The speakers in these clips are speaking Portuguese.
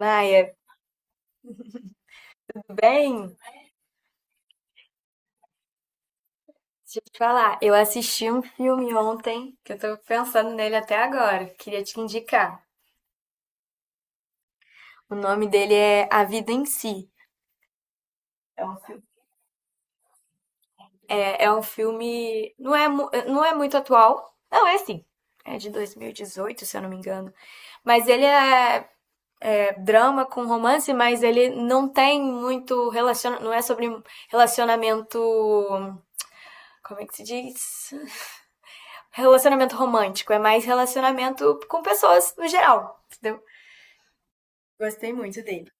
Maia, tudo bem? Deixa eu te falar, eu assisti um filme ontem que eu tô pensando nele até agora. Queria te indicar. O nome dele é A Vida em Si. É um filme. É um filme. Não é muito atual. Não, é assim. É de 2018, se eu não me engano. Mas ele é drama com romance, mas ele não é sobre relacionamento, como é que se diz? Relacionamento romântico, é mais relacionamento com pessoas no geral, entendeu? Gostei muito dele.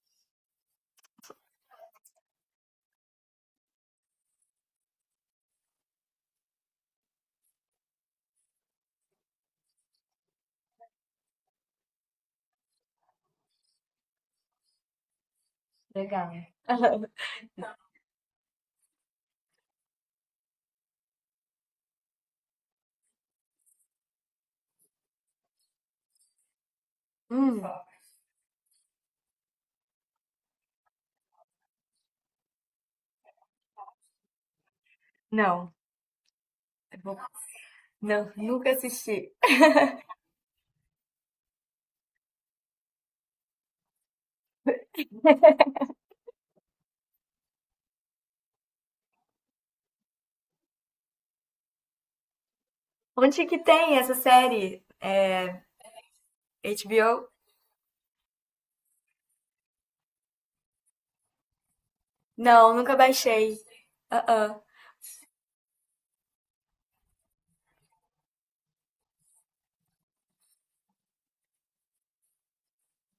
Legal. Hum. Não, não, nunca assisti. Onde que tem essa série? É, HBO? Não, nunca baixei. Ah, ah,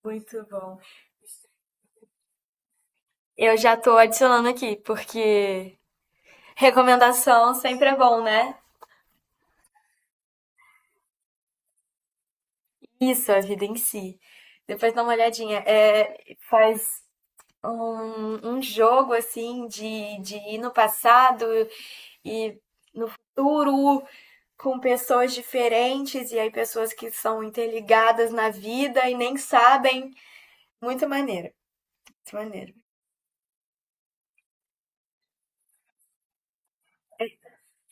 muito bom. Eu já tô adicionando aqui, porque recomendação sempre é bom, né? Isso, a vida em si. Depois dá uma olhadinha. É, faz um jogo assim de ir no passado e no futuro com pessoas diferentes e aí pessoas que são interligadas na vida e nem sabem. Muito maneiro, muito maneiro.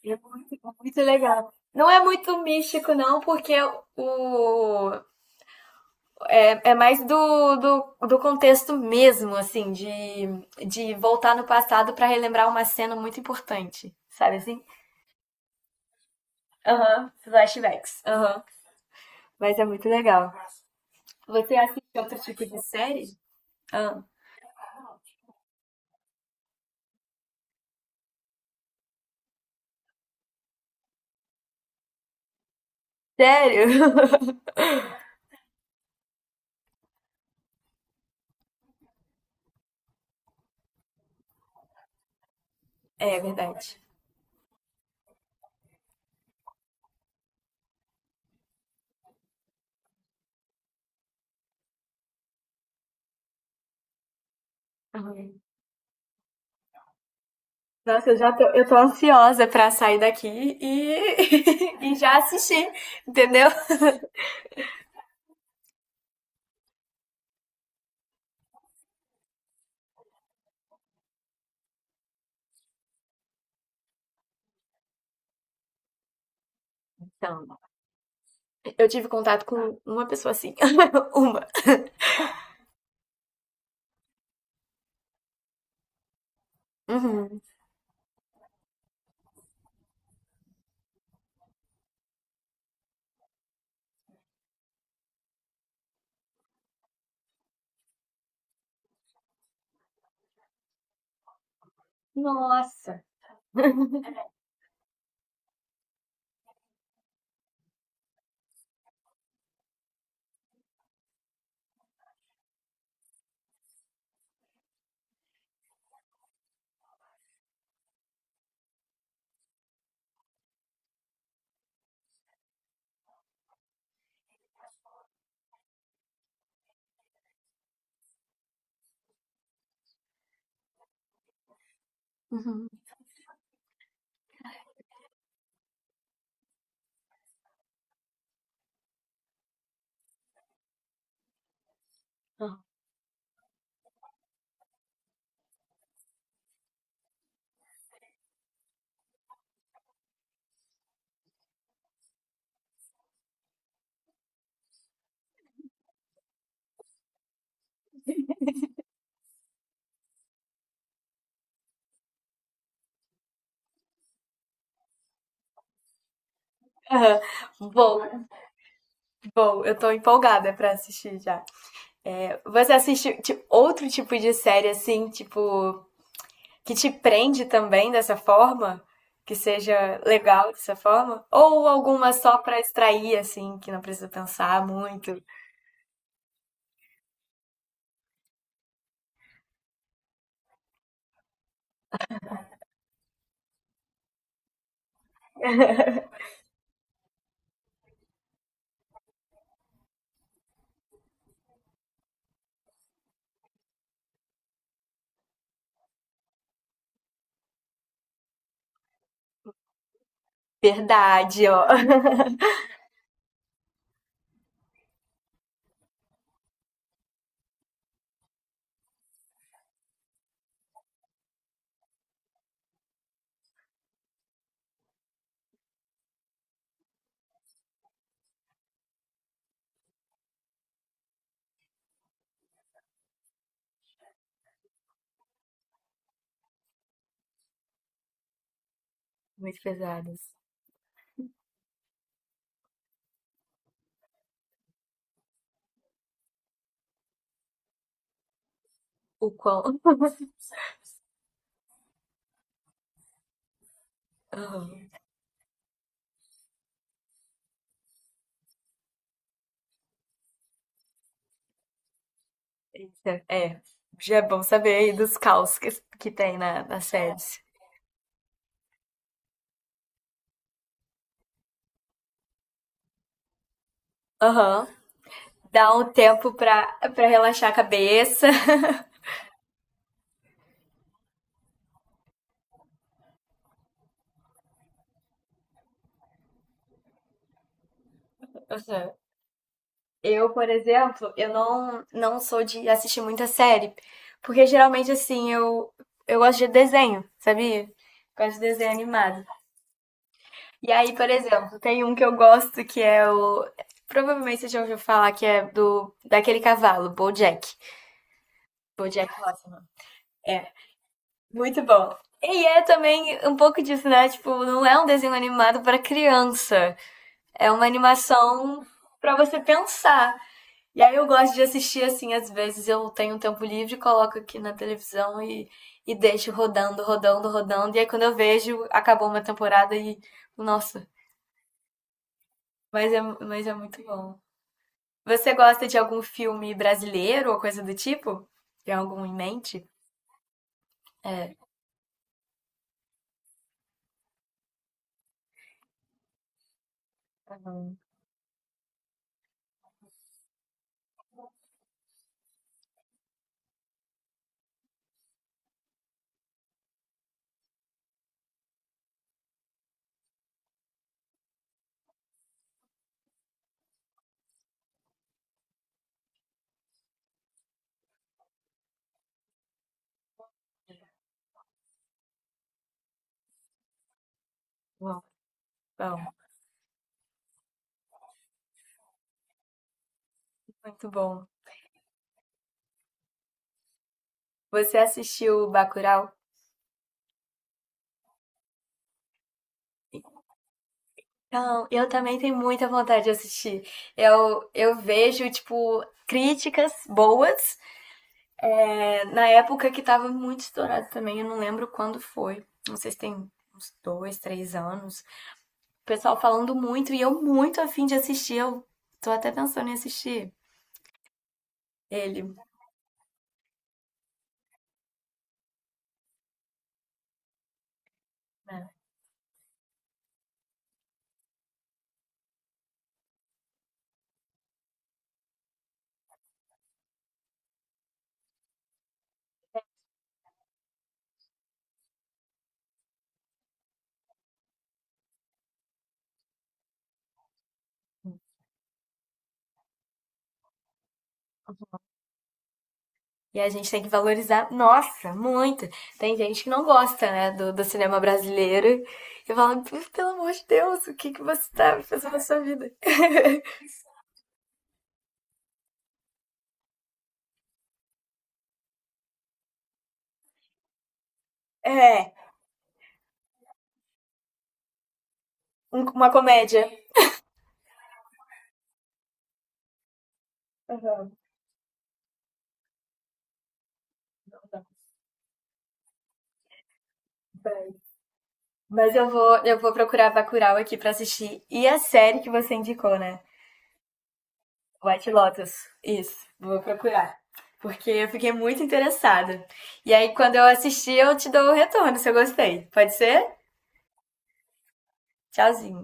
E é muito, muito legal. Não é muito místico, não, porque o é mais do contexto mesmo, assim, de voltar no passado para relembrar uma cena muito importante, sabe assim? Aham, flashbacks. Aham. Mas é muito legal. Você assiste outro tipo de série? Ah, sério? É verdade. Uhum. Nossa, eu tô ansiosa pra sair daqui e, e já assistir, entendeu? Então, eu tive contato com uma pessoa assim. Uma. Uhum. Nossa. Uhum. Aham. Bom, bom, eu tô empolgada pra assistir já. Você assiste tipo, outro tipo de série assim, tipo que te prende também dessa forma, que seja legal dessa forma? Ou alguma só para extrair, assim, que não precisa pensar muito? Verdade, ó. Muito pesadas. O quão. Aham. É, já é bom saber aí dos caos que tem nas séries. Aham. Dá um tempo pra relaxar a cabeça. Aham. Eu, por exemplo, eu não sou de assistir muita série, porque geralmente assim, eu gosto de desenho, sabia? Gosto de desenho animado. E aí, por exemplo, tem um que eu gosto que é o. Provavelmente você já ouviu falar que é do daquele cavalo, BoJack. BoJack Horseman. É, muito bom. E é também um pouco disso, né? Tipo, não é um desenho animado pra criança. É uma animação pra você pensar. E aí eu gosto de assistir assim, às vezes eu tenho um tempo livre, coloco aqui na televisão e deixo rodando, rodando, rodando. E aí quando eu vejo, acabou uma temporada e. Nossa, mas é muito bom. Você gosta de algum filme brasileiro ou coisa do tipo? Tem algum em mente? Bom, bom, muito bom. Você assistiu Bacurau? Não, eu também tenho muita vontade de assistir. Eu vejo, tipo, críticas boas. Na época que tava muito estourado também, eu não lembro quando foi. Não sei se tem uns dois, três anos. O pessoal falando muito e eu muito afim de assistir. Eu tô até pensando em assistir ele. Né? E a gente tem que valorizar, nossa, muito. Tem gente que não gosta, né, do, do cinema brasileiro. E fala, pelo amor de Deus, o que, que você tá fazendo na sua vida? É, uma comédia. Aham, tá. Mas eu vou procurar Bacurau aqui pra assistir. E a série que você indicou, né? White Lotus. Isso, vou procurar. Porque eu fiquei muito interessada. E aí, quando eu assistir, eu te dou o retorno se eu gostei. Pode ser? Tchauzinho.